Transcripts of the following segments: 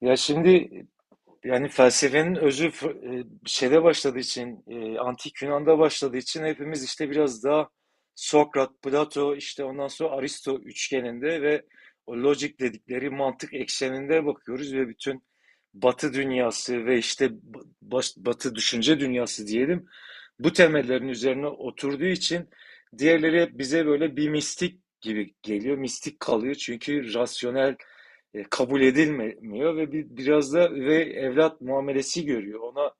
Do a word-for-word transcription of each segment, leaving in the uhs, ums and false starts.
Ya şimdi yani felsefenin özü f- e, şeyde başladığı için, e, antik Yunan'da başladığı için hepimiz işte biraz daha Sokrat, Plato, işte ondan sonra Aristo üçgeninde ve o logic dedikleri mantık ekseninde bakıyoruz ve bütün Batı dünyası ve işte b- baş- Batı düşünce dünyası diyelim bu temellerin üzerine oturduğu için diğerleri hep bize böyle bir mistik gibi geliyor, mistik kalıyor çünkü rasyonel e, kabul edilmiyor ve bir, biraz da ve evlat muamelesi görüyor. Ona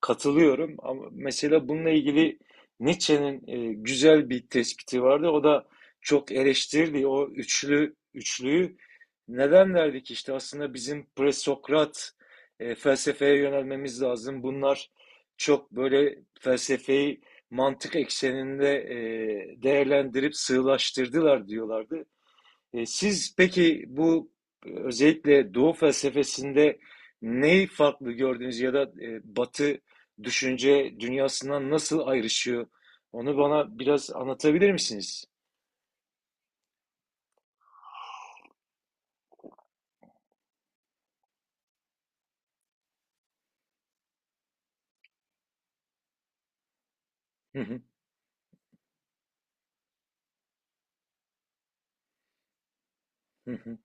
katılıyorum ama mesela bununla ilgili Nietzsche'nin e, güzel bir tespiti vardı. O da çok eleştirdi o üçlü üçlüyü. Neden derdik işte aslında bizim presokrat e, felsefeye yönelmemiz lazım. Bunlar çok böyle felsefeyi mantık ekseninde e, değerlendirip sığlaştırdılar diyorlardı. E, siz peki bu e, özellikle Doğu felsefesinde neyi farklı gördünüz ya da e, Batı düşünce dünyasından nasıl ayrışıyor? Onu bana biraz anlatabilir misiniz? Hı hı. hı hı,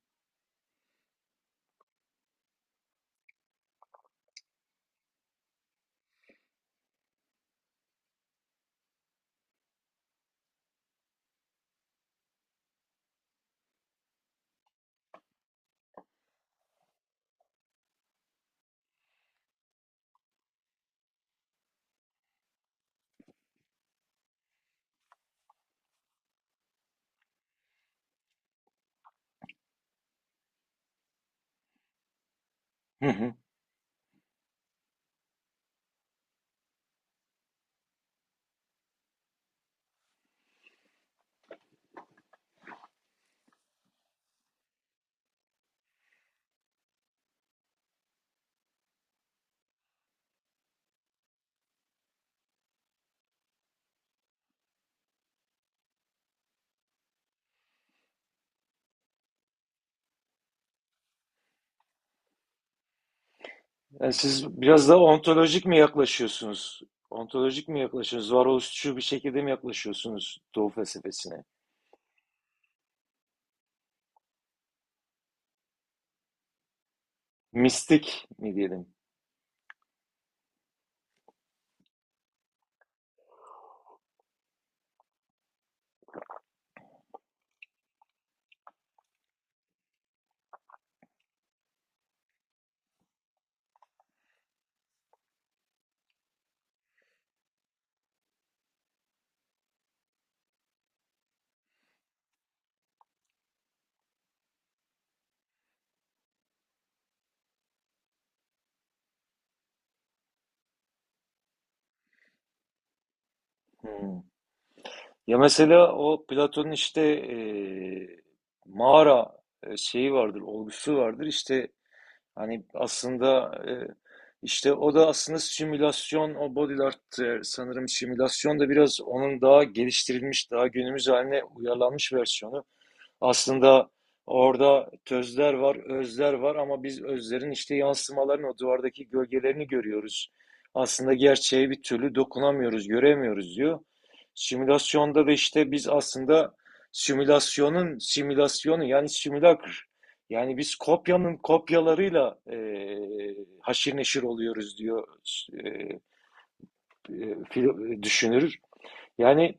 hı hı. Yani siz biraz daha ontolojik mi yaklaşıyorsunuz? Ontolojik mi yaklaşıyorsunuz? Varoluşçu bir şekilde mi yaklaşıyorsunuz Doğu felsefesine? Mistik mi diyelim? Hı. Ya mesela o Platon'un işte eee, mağara e, şeyi vardır, olgusu vardır. İşte hani aslında e, işte o da aslında simülasyon, o body art e, sanırım simülasyon da biraz onun daha geliştirilmiş, daha günümüz haline uyarlanmış versiyonu. Aslında orada tözler var, özler var ama biz özlerin işte yansımalarını, o duvardaki gölgelerini görüyoruz. Aslında gerçeğe bir türlü dokunamıyoruz, göremiyoruz diyor. Simülasyonda da işte biz aslında simülasyonun simülasyonu yani simülakr. Yani biz kopyanın kopyalarıyla eee haşir neşir oluyoruz diyor eee, eee, düşünür. Yani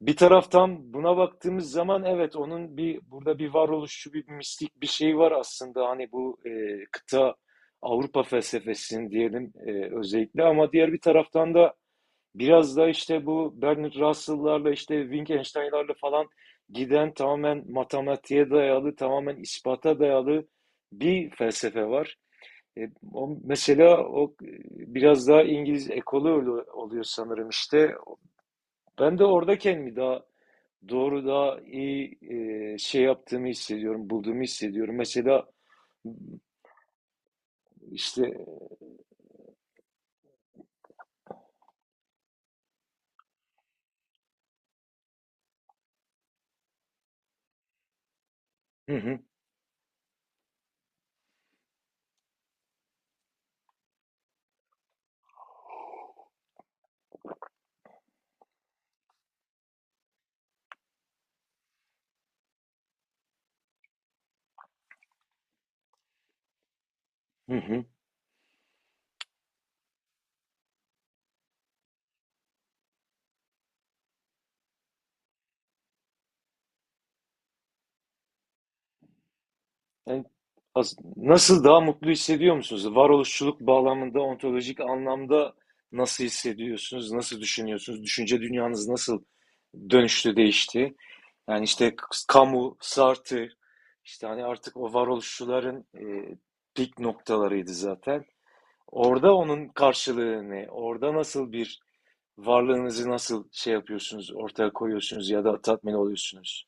bir taraftan buna baktığımız zaman evet onun bir burada bir varoluşçu bir mistik bir şey var aslında hani bu e, kıta Avrupa felsefesinin diyelim e, özellikle ama diğer bir taraftan da biraz da işte bu Bernard Russell'larla işte Wittgenstein'larla falan giden tamamen matematiğe dayalı tamamen ispata dayalı bir felsefe var. E, o, mesela o e, biraz daha İngiliz ekolü oluyor sanırım işte ben de orada kendimi daha doğru daha iyi e, şey yaptığımı hissediyorum, bulduğumu hissediyorum. Mesela işte hı hı. hı hı. Yani as- nasıl daha mutlu hissediyor musunuz? Varoluşçuluk bağlamında, ontolojik anlamda nasıl hissediyorsunuz? Nasıl düşünüyorsunuz? Düşünce dünyanız nasıl dönüştü, değişti? Yani işte Camus, Sartre, işte hani artık o varoluşçuların e, pik noktalarıydı zaten. Orada onun karşılığı ne? Orada nasıl bir varlığınızı nasıl şey yapıyorsunuz, ortaya koyuyorsunuz ya da tatmin oluyorsunuz?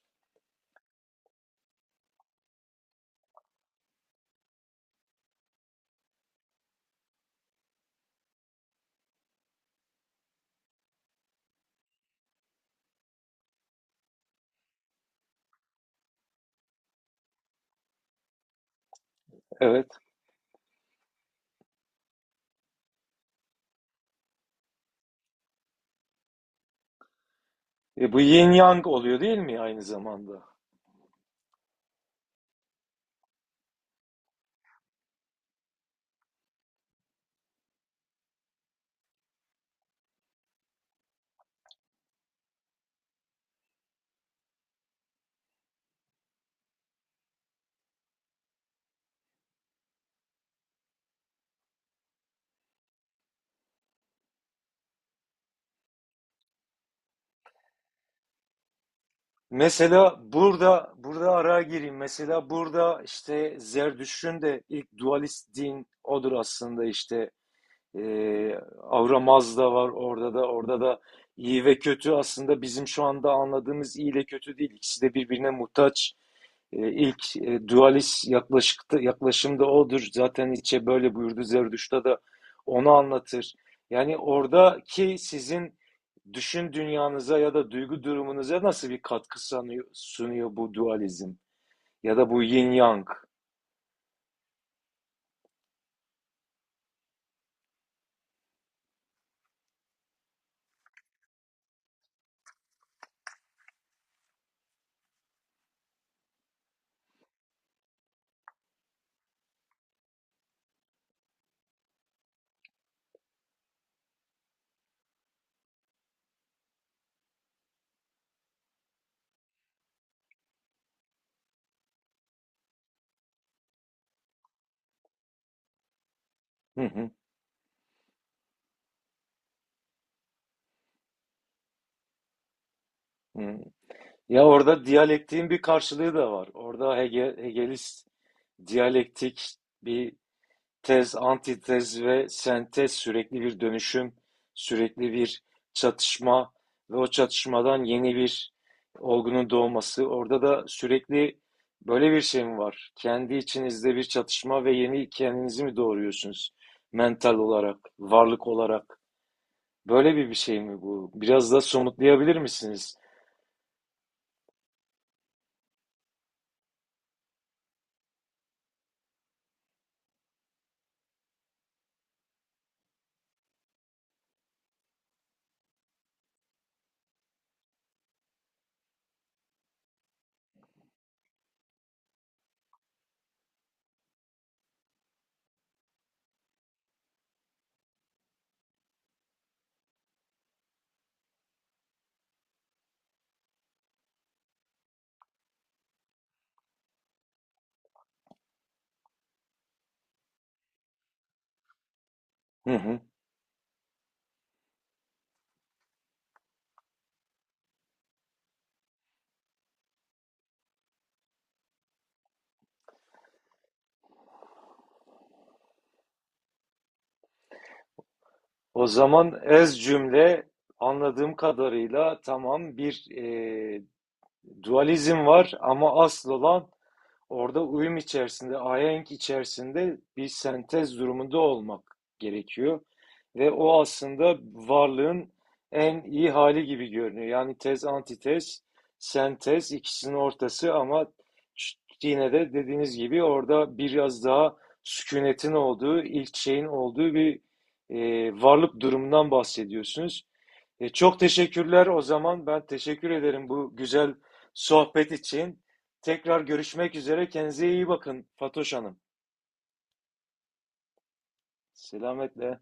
Evet. E, bu yin yang oluyor değil mi aynı zamanda? Mesela burada burada araya gireyim. Mesela burada işte Zerdüşt'ün de ilk dualist din odur aslında işte. Ee, Avramaz da var orada da orada da iyi ve kötü aslında bizim şu anda anladığımız iyi ile kötü değil. İkisi de birbirine muhtaç. Ee, ilk e, dualist yaklaşıkta, yaklaşım da odur. Zaten Nietzsche böyle buyurdu. Zerdüşt'te de onu anlatır. Yani oradaki sizin düşün dünyanıza ya da duygu durumunuza nasıl bir katkı sanıyor- sunuyor bu dualizm? Ya da bu yin yang? Hı hı. hı. Ya orada diyalektiğin bir karşılığı da var. Orada Hege, Hegelist diyalektik bir tez, antitez ve sentez sürekli bir dönüşüm, sürekli bir çatışma ve o çatışmadan yeni bir olgunun doğması. Orada da sürekli böyle bir şey mi var? Kendi içinizde bir çatışma ve yeni kendinizi mi doğuruyorsunuz? Mental olarak, varlık olarak. Böyle bir bir şey mi bu? Biraz da somutlayabilir misiniz? Hı hı. O zaman ez cümle anladığım kadarıyla tamam bir e, dualizm var ama asıl olan orada uyum içerisinde, ahenk içerisinde bir sentez durumunda olmak gerekiyor. Ve o aslında varlığın en iyi hali gibi görünüyor. Yani tez, antitez, sentez ikisinin ortası ama yine de dediğiniz gibi orada biraz daha sükunetin olduğu, ilk şeyin olduğu bir e, varlık durumundan bahsediyorsunuz. E, çok teşekkürler o zaman. Ben teşekkür ederim bu güzel sohbet için. Tekrar görüşmek üzere. Kendinize iyi bakın Fatoş Hanım. Selametle.